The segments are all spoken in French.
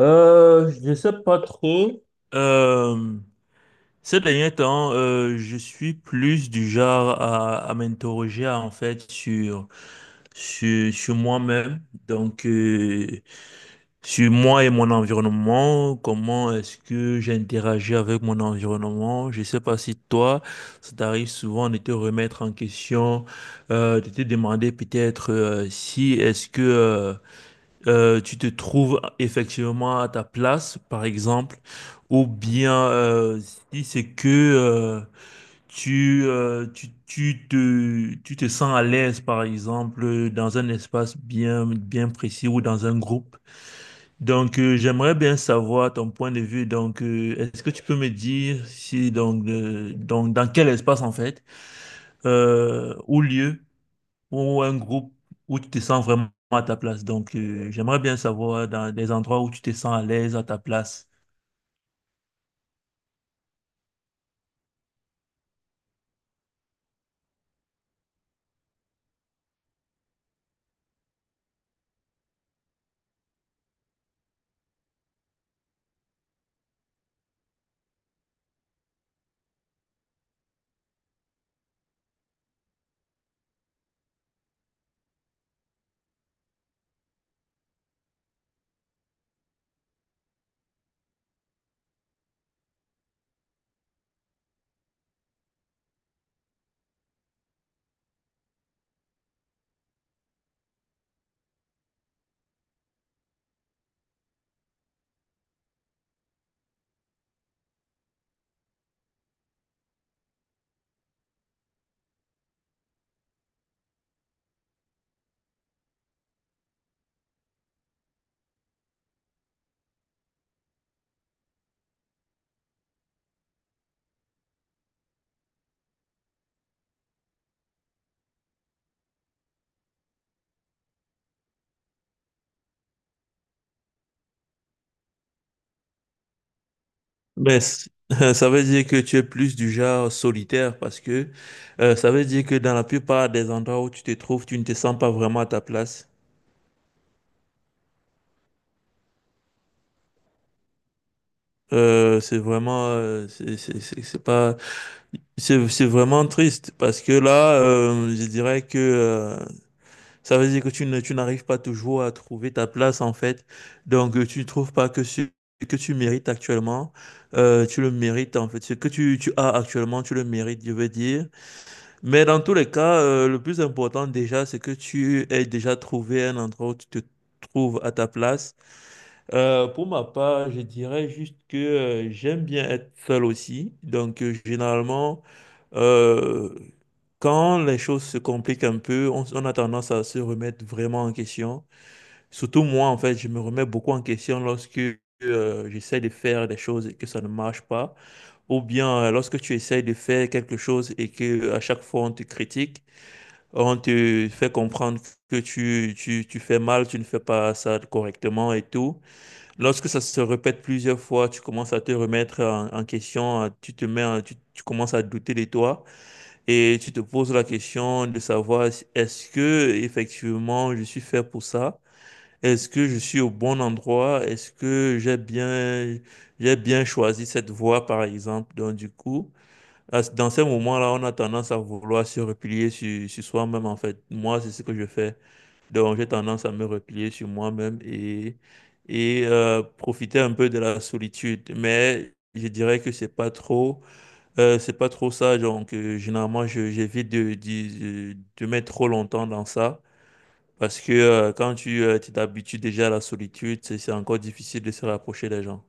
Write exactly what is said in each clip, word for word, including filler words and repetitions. Euh, je sais pas trop. Euh, Ces derniers temps, euh, je suis plus du genre à, à m'interroger en fait sur, sur, sur moi-même, donc euh, sur moi et mon environnement, comment est-ce que j'interagis avec mon environnement. Je sais pas si toi, ça t'arrive souvent de te remettre en question, euh, de te demander peut-être euh, si est-ce que... euh, euh, tu te trouves effectivement à ta place, par exemple, ou bien euh, si c'est que euh, tu, euh, tu, tu te, tu te sens à l'aise, par exemple, dans un espace bien, bien précis ou dans un groupe. Donc, euh, j'aimerais bien savoir ton point de vue. Donc, euh, est-ce que tu peux me dire si, donc, euh, donc, dans quel espace, en fait, euh, ou lieu ou un groupe où tu te sens vraiment à ta place. Donc, euh, j'aimerais bien savoir dans des endroits où tu te sens à l'aise à ta place. Ben, c- ça veut dire que tu es plus du genre solitaire parce que euh, ça veut dire que dans la plupart des endroits où tu te trouves, tu ne te sens pas vraiment à ta place. Euh, c'est vraiment, euh, c'est c'est- c'est- C'est pas, c'est c'est vraiment triste parce que là, euh, je dirais que euh, ça veut dire que tu ne, tu n'arrives pas toujours à trouver ta place, en fait. Donc, euh, tu ne trouves pas que ce que tu mérites actuellement, euh, tu le mérites, en fait. Ce que tu, tu as actuellement, tu le mérites, je veux dire. Mais dans tous les cas, euh, le plus important déjà, c'est que tu aies déjà trouvé un endroit où tu te trouves à ta place. Euh, pour ma part, je dirais juste que euh, j'aime bien être seul aussi. Donc, euh, généralement, euh, quand les choses se compliquent un peu, on, on a tendance à se remettre vraiment en question. Surtout moi, en fait, je me remets beaucoup en question lorsque euh, j'essaie de faire des choses et que ça ne marche pas. Ou bien euh, lorsque tu essayes de faire quelque chose et que euh, à chaque fois on te critique, on te fait comprendre que tu, tu, tu fais mal, tu ne fais pas ça correctement et tout. Lorsque ça se répète plusieurs fois, tu commences à te remettre en, en question, à- tu te mets, en- tu, tu commences à douter de toi et tu te poses la question de savoir est-ce que effectivement je suis fait pour ça? Est-ce que je suis au bon endroit? Est-ce que j'ai bien, j'ai bien choisi cette voie, par exemple? Donc, du coup, à ce- dans ces moments-là, on a tendance à vouloir se replier sur, sur soi-même, en fait. Moi, c'est ce que je fais. Donc, j'ai tendance à me replier sur moi-même et, et euh, profiter un peu de la solitude. Mais je dirais que c'est pas trop, euh, c'est pas trop ça. Donc, euh, généralement, je- j'évite de, de, de- de mettre trop longtemps dans ça. Parce que euh, quand tu euh, tu t'habitues déjà à la solitude, c'est c'est encore difficile de se rapprocher des gens.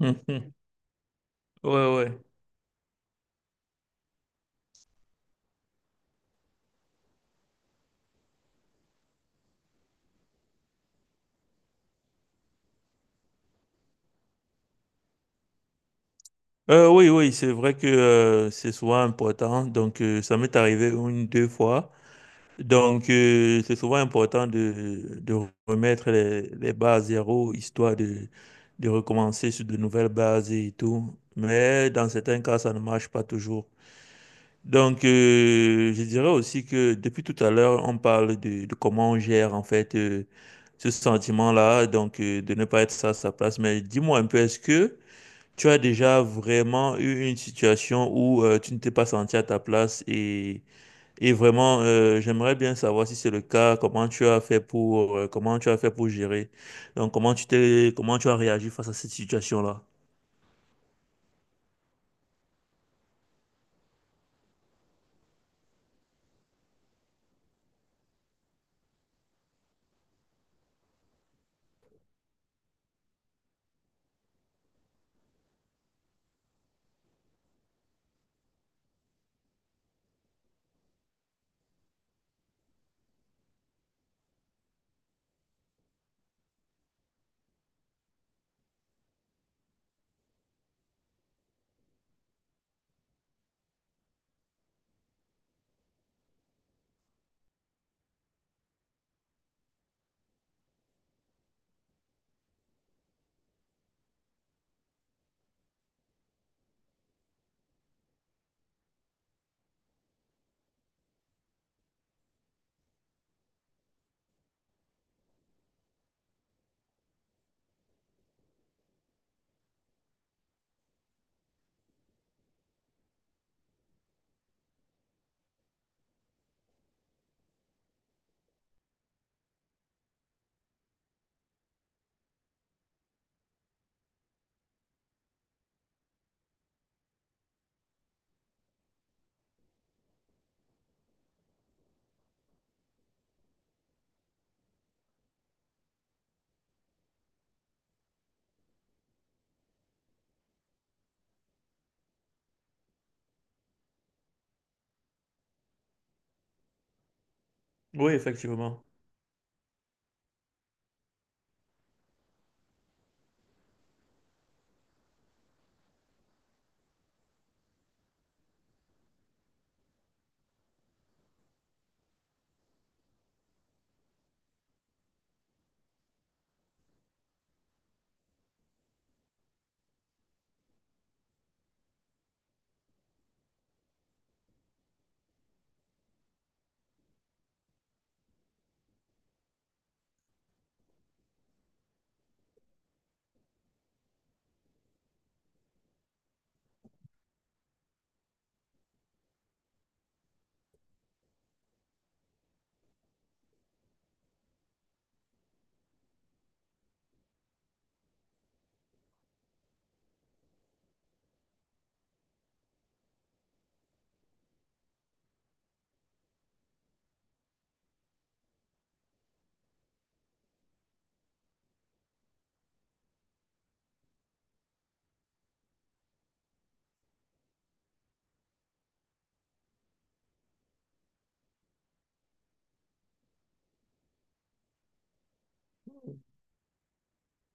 Ouais, ouais. Euh, oui, oui, c'est vrai que euh, c'est souvent important. Donc, euh, ça m'est arrivé une, deux fois. Donc, euh, c'est souvent important de, de remettre les, les bases à zéro, histoire de, de recommencer sur de nouvelles bases et tout. Mais dans certains cas, ça ne marche pas toujours. Donc, euh, je dirais aussi que depuis tout à l'heure, on parle de, de comment on gère en fait euh, ce sentiment-là, donc euh, de ne pas être ça à sa place. Mais dis-moi un peu, est-ce que... tu as déjà vraiment eu une situation où euh, tu ne t'es pas senti à ta place et, et vraiment euh, j'aimerais bien savoir si c'est le cas, comment tu as fait pour euh, comment tu as fait pour gérer. Donc comment tu t'es comment tu as réagi face à cette situation-là? Oui, effectivement.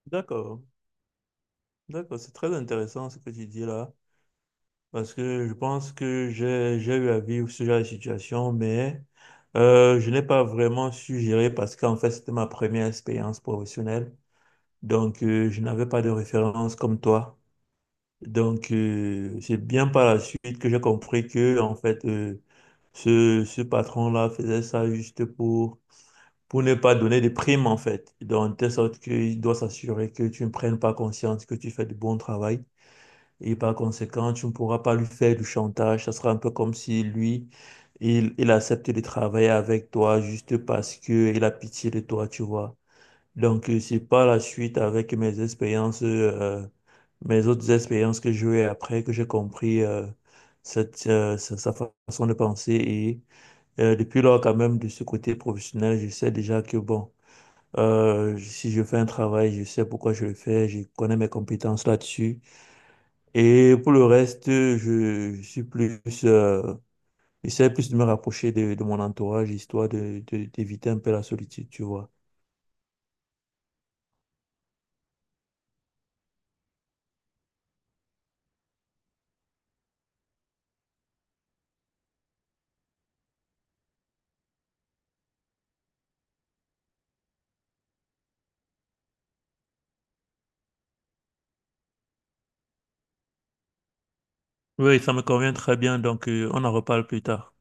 D'accord. D'accord, c'est très intéressant ce que tu dis là parce que je pense que j'ai j'ai eu à vivre ce genre de situation mais euh, je n'ai pas vraiment su gérer parce qu'en fait c'était ma première expérience professionnelle. Donc, euh, je n'avais pas de référence comme toi. Donc, euh, c'est bien par la suite que j'ai compris que, en fait, euh, ce, ce patron-là faisait ça juste pour, pour ne pas donner de primes, en fait. Donc, de telle sorte qu'il doit s'assurer que tu ne prennes pas conscience que tu fais du bon travail. Et par conséquent, tu ne pourras pas lui faire du chantage. Ça sera un peu comme si lui, il, il accepte de travailler avec toi juste parce que il a pitié de toi, tu vois. Donc, euh, c'est par la suite, avec mes expériences, euh, mes autres expériences que j'ai eues après, que j'ai compris euh, cette, euh, sa, sa façon de penser. Et euh, depuis lors, quand même, de ce côté professionnel, je sais déjà que, bon, euh, si je fais un travail, je sais pourquoi je le fais, je connais mes compétences là-dessus. Et pour le reste, je, je suis plus... euh, J'essaie plus de me rapprocher de, de mon entourage, histoire de, de- d'éviter un peu la solitude, tu vois. Oui, ça me convient très bien, donc euh, on en reparle plus tard.